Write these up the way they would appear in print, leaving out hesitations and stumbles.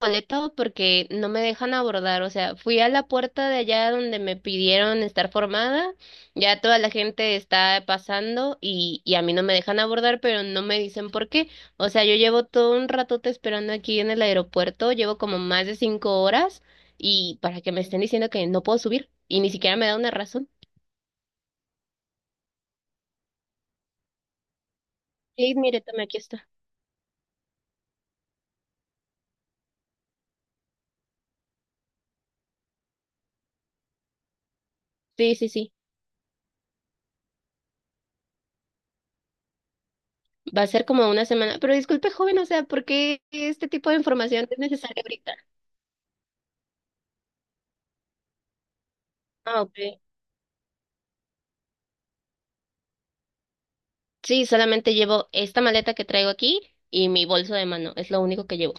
Boleto porque no me dejan abordar, o sea, fui a la puerta de allá donde me pidieron estar formada, ya toda la gente está pasando y a mí no me dejan abordar, pero no me dicen por qué, o sea, yo llevo todo un ratote esperando aquí en el aeropuerto, llevo como más de 5 horas y para que me estén diciendo que no puedo subir y ni siquiera me da una razón. Sí, mire, tome, aquí está. Sí, sí, sí. Va a ser como una semana, pero disculpe, joven, o sea, ¿por qué este tipo de información es necesaria ahorita? Ah, ok. Sí, solamente llevo esta maleta que traigo aquí y mi bolso de mano. Es lo único que llevo.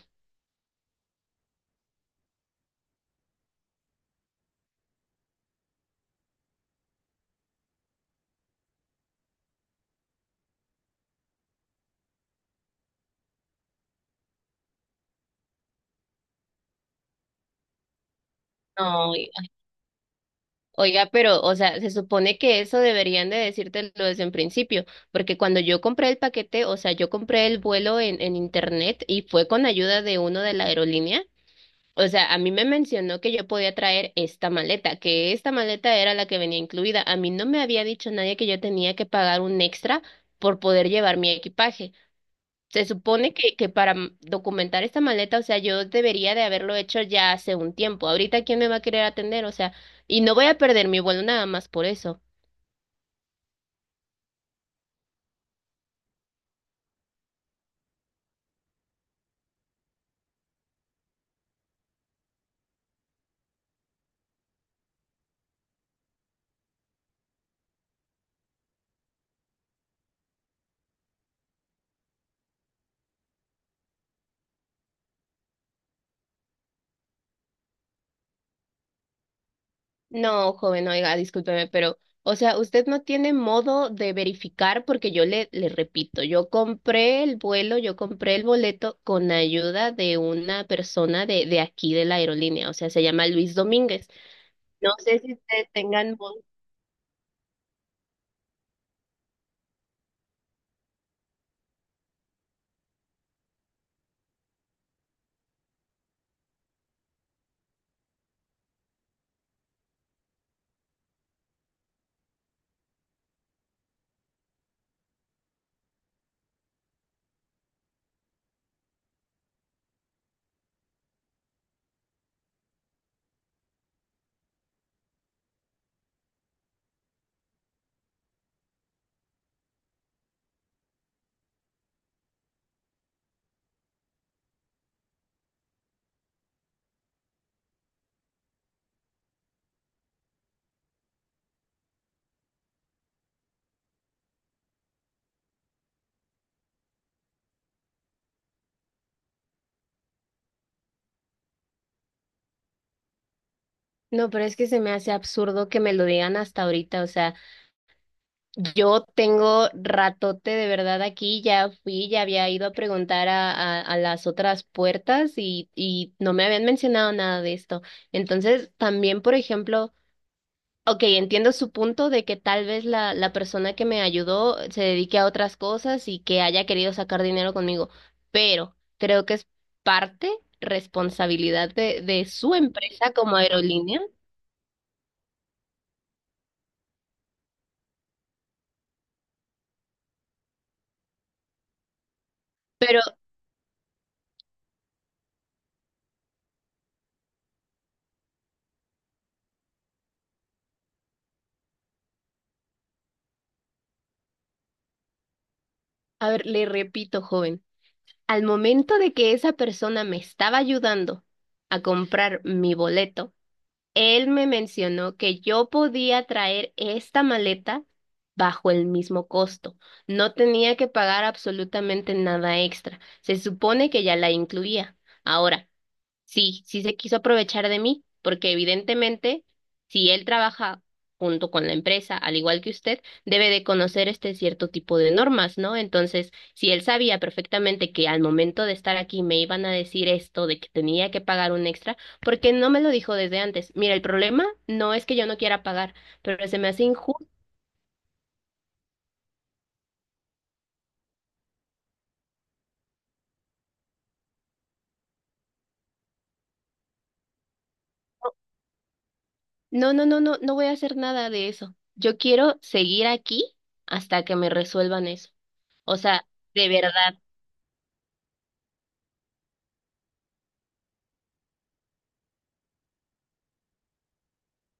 No, oiga. Oiga, pero, o sea, se supone que eso deberían de decírtelo desde en principio, porque cuando yo compré el paquete, o sea, yo compré el vuelo en internet y fue con ayuda de uno de la aerolínea. O sea, a mí me mencionó que yo podía traer esta maleta, que esta maleta era la que venía incluida. A mí no me había dicho nadie que yo tenía que pagar un extra por poder llevar mi equipaje. Se supone que para documentar esta maleta, o sea, yo debería de haberlo hecho ya hace un tiempo. Ahorita, ¿quién me va a querer atender? O sea, y no voy a perder mi vuelo nada más por eso. No, joven, oiga, discúlpeme, pero, o sea, usted no tiene modo de verificar porque yo le repito, yo compré el vuelo, yo compré el boleto con ayuda de una persona de aquí de la aerolínea, o sea, se llama Luis Domínguez. No sé si ustedes tengan modo. No, pero es que se me hace absurdo que me lo digan hasta ahorita, o sea. Yo tengo ratote de verdad aquí, ya fui, ya había ido a preguntar a las otras puertas y no me habían mencionado nada de esto. Entonces, también, por ejemplo, ok, entiendo su punto de que tal vez la persona que me ayudó se dedique a otras cosas y que haya querido sacar dinero conmigo, pero creo que es parte responsabilidad de su empresa como aerolínea. Pero, a ver, le repito, joven. Al momento de que esa persona me estaba ayudando a comprar mi boleto, él me mencionó que yo podía traer esta maleta bajo el mismo costo. No tenía que pagar absolutamente nada extra. Se supone que ya la incluía. Ahora, sí, sí se quiso aprovechar de mí, porque evidentemente, si él trabaja junto con la empresa, al igual que usted, debe de conocer este cierto tipo de normas, ¿no? Entonces, si él sabía perfectamente que al momento de estar aquí me iban a decir esto de que tenía que pagar un extra, ¿por qué no me lo dijo desde antes? Mira, el problema no es que yo no quiera pagar, pero se me hace injusto. No, no, no, no, no voy a hacer nada de eso. Yo quiero seguir aquí hasta que me resuelvan eso. O sea, de verdad.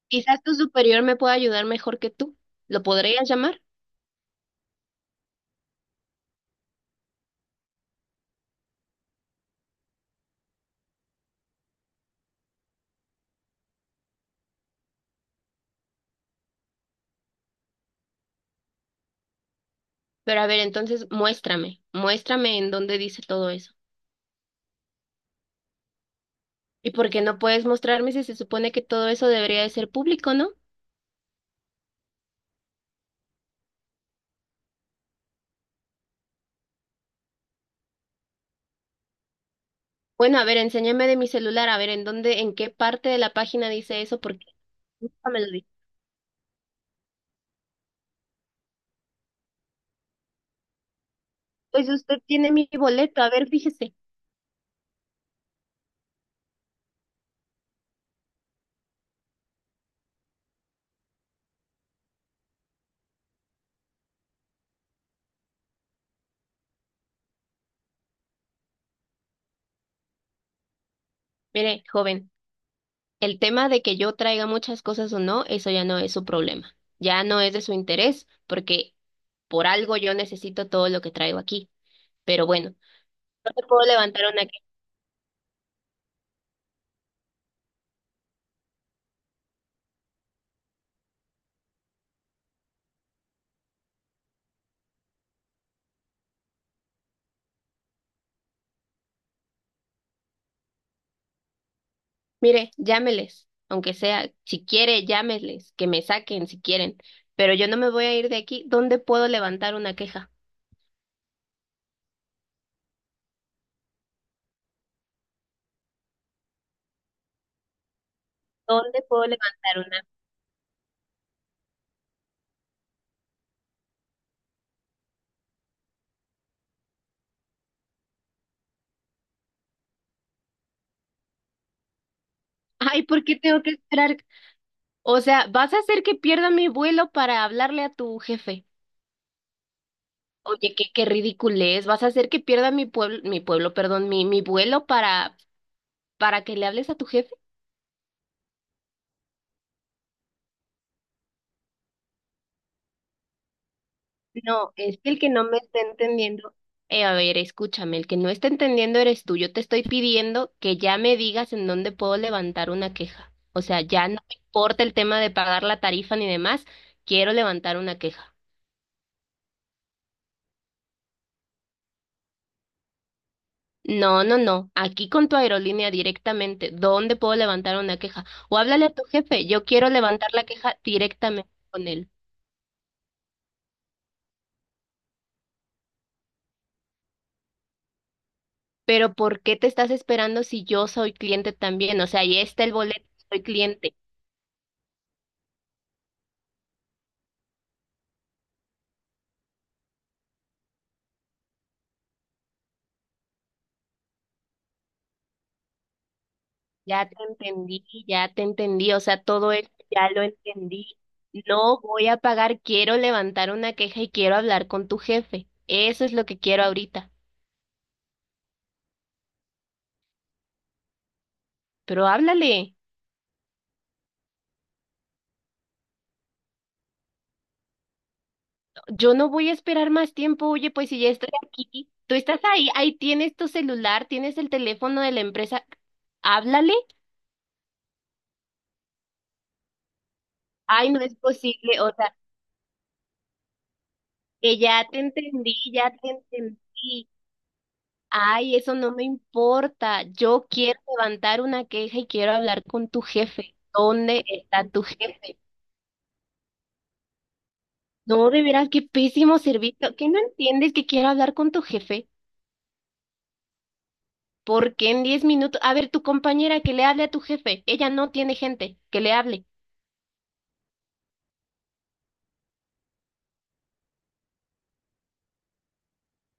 Quizás tu superior me pueda ayudar mejor que tú. Lo podrías llamar. Pero a ver, entonces muéstrame, muéstrame en dónde dice todo eso. ¿Y por qué no puedes mostrarme si se supone que todo eso debería de ser público, no? Bueno, a ver, enséñame de mi celular, a ver en dónde, en qué parte de la página dice eso, porque nunca me lo dice. Pues usted tiene mi boleto, a ver, fíjese. Mire, joven, el tema de que yo traiga muchas cosas o no, eso ya no es su problema. Ya no es de su interés, porque por algo yo necesito todo lo que traigo aquí. Pero bueno, no te puedo levantar una que, mire, llámeles, aunque sea, si quiere, llámeles, que me saquen si quieren, pero yo no me voy a ir de aquí. ¿Dónde puedo levantar una queja? ¿Dónde puedo levantar una? Ay, ¿por qué tengo que esperar? O sea, ¿vas a hacer que pierda mi vuelo para hablarle a tu jefe? Oye, qué, qué ridículo es. ¿Vas a hacer que pierda mi pueblo, perdón, mi vuelo para que le hables a tu jefe? No, es que el que no me está entendiendo, a ver, escúchame, el que no está entendiendo eres tú. Yo te estoy pidiendo que ya me digas en dónde puedo levantar una queja. O sea, ya no me importa el tema de pagar la tarifa ni demás, quiero levantar una queja. No, no, no, aquí con tu aerolínea directamente, ¿dónde puedo levantar una queja? O háblale a tu jefe, yo quiero levantar la queja directamente con él. Pero ¿por qué te estás esperando si yo soy cliente también? O sea, ahí está el boleto, soy cliente. Ya te entendí, o sea, todo esto ya lo entendí. No voy a pagar, quiero levantar una queja y quiero hablar con tu jefe. Eso es lo que quiero ahorita. Pero háblale, yo no voy a esperar más tiempo, oye, pues si ya estoy aquí, tú estás ahí, ahí tienes tu celular, tienes el teléfono de la empresa, háblale. Ay, no es posible, o sea, que ya te entendí, ya te entendí. Ay, eso no me importa. Yo quiero levantar una queja y quiero hablar con tu jefe. ¿Dónde está tu jefe? No, de veras, qué pésimo servicio. ¿Qué no entiendes que quiero hablar con tu jefe? ¿Por qué en 10 minutos? A ver, tu compañera que le hable a tu jefe. Ella no tiene gente. Que le hable.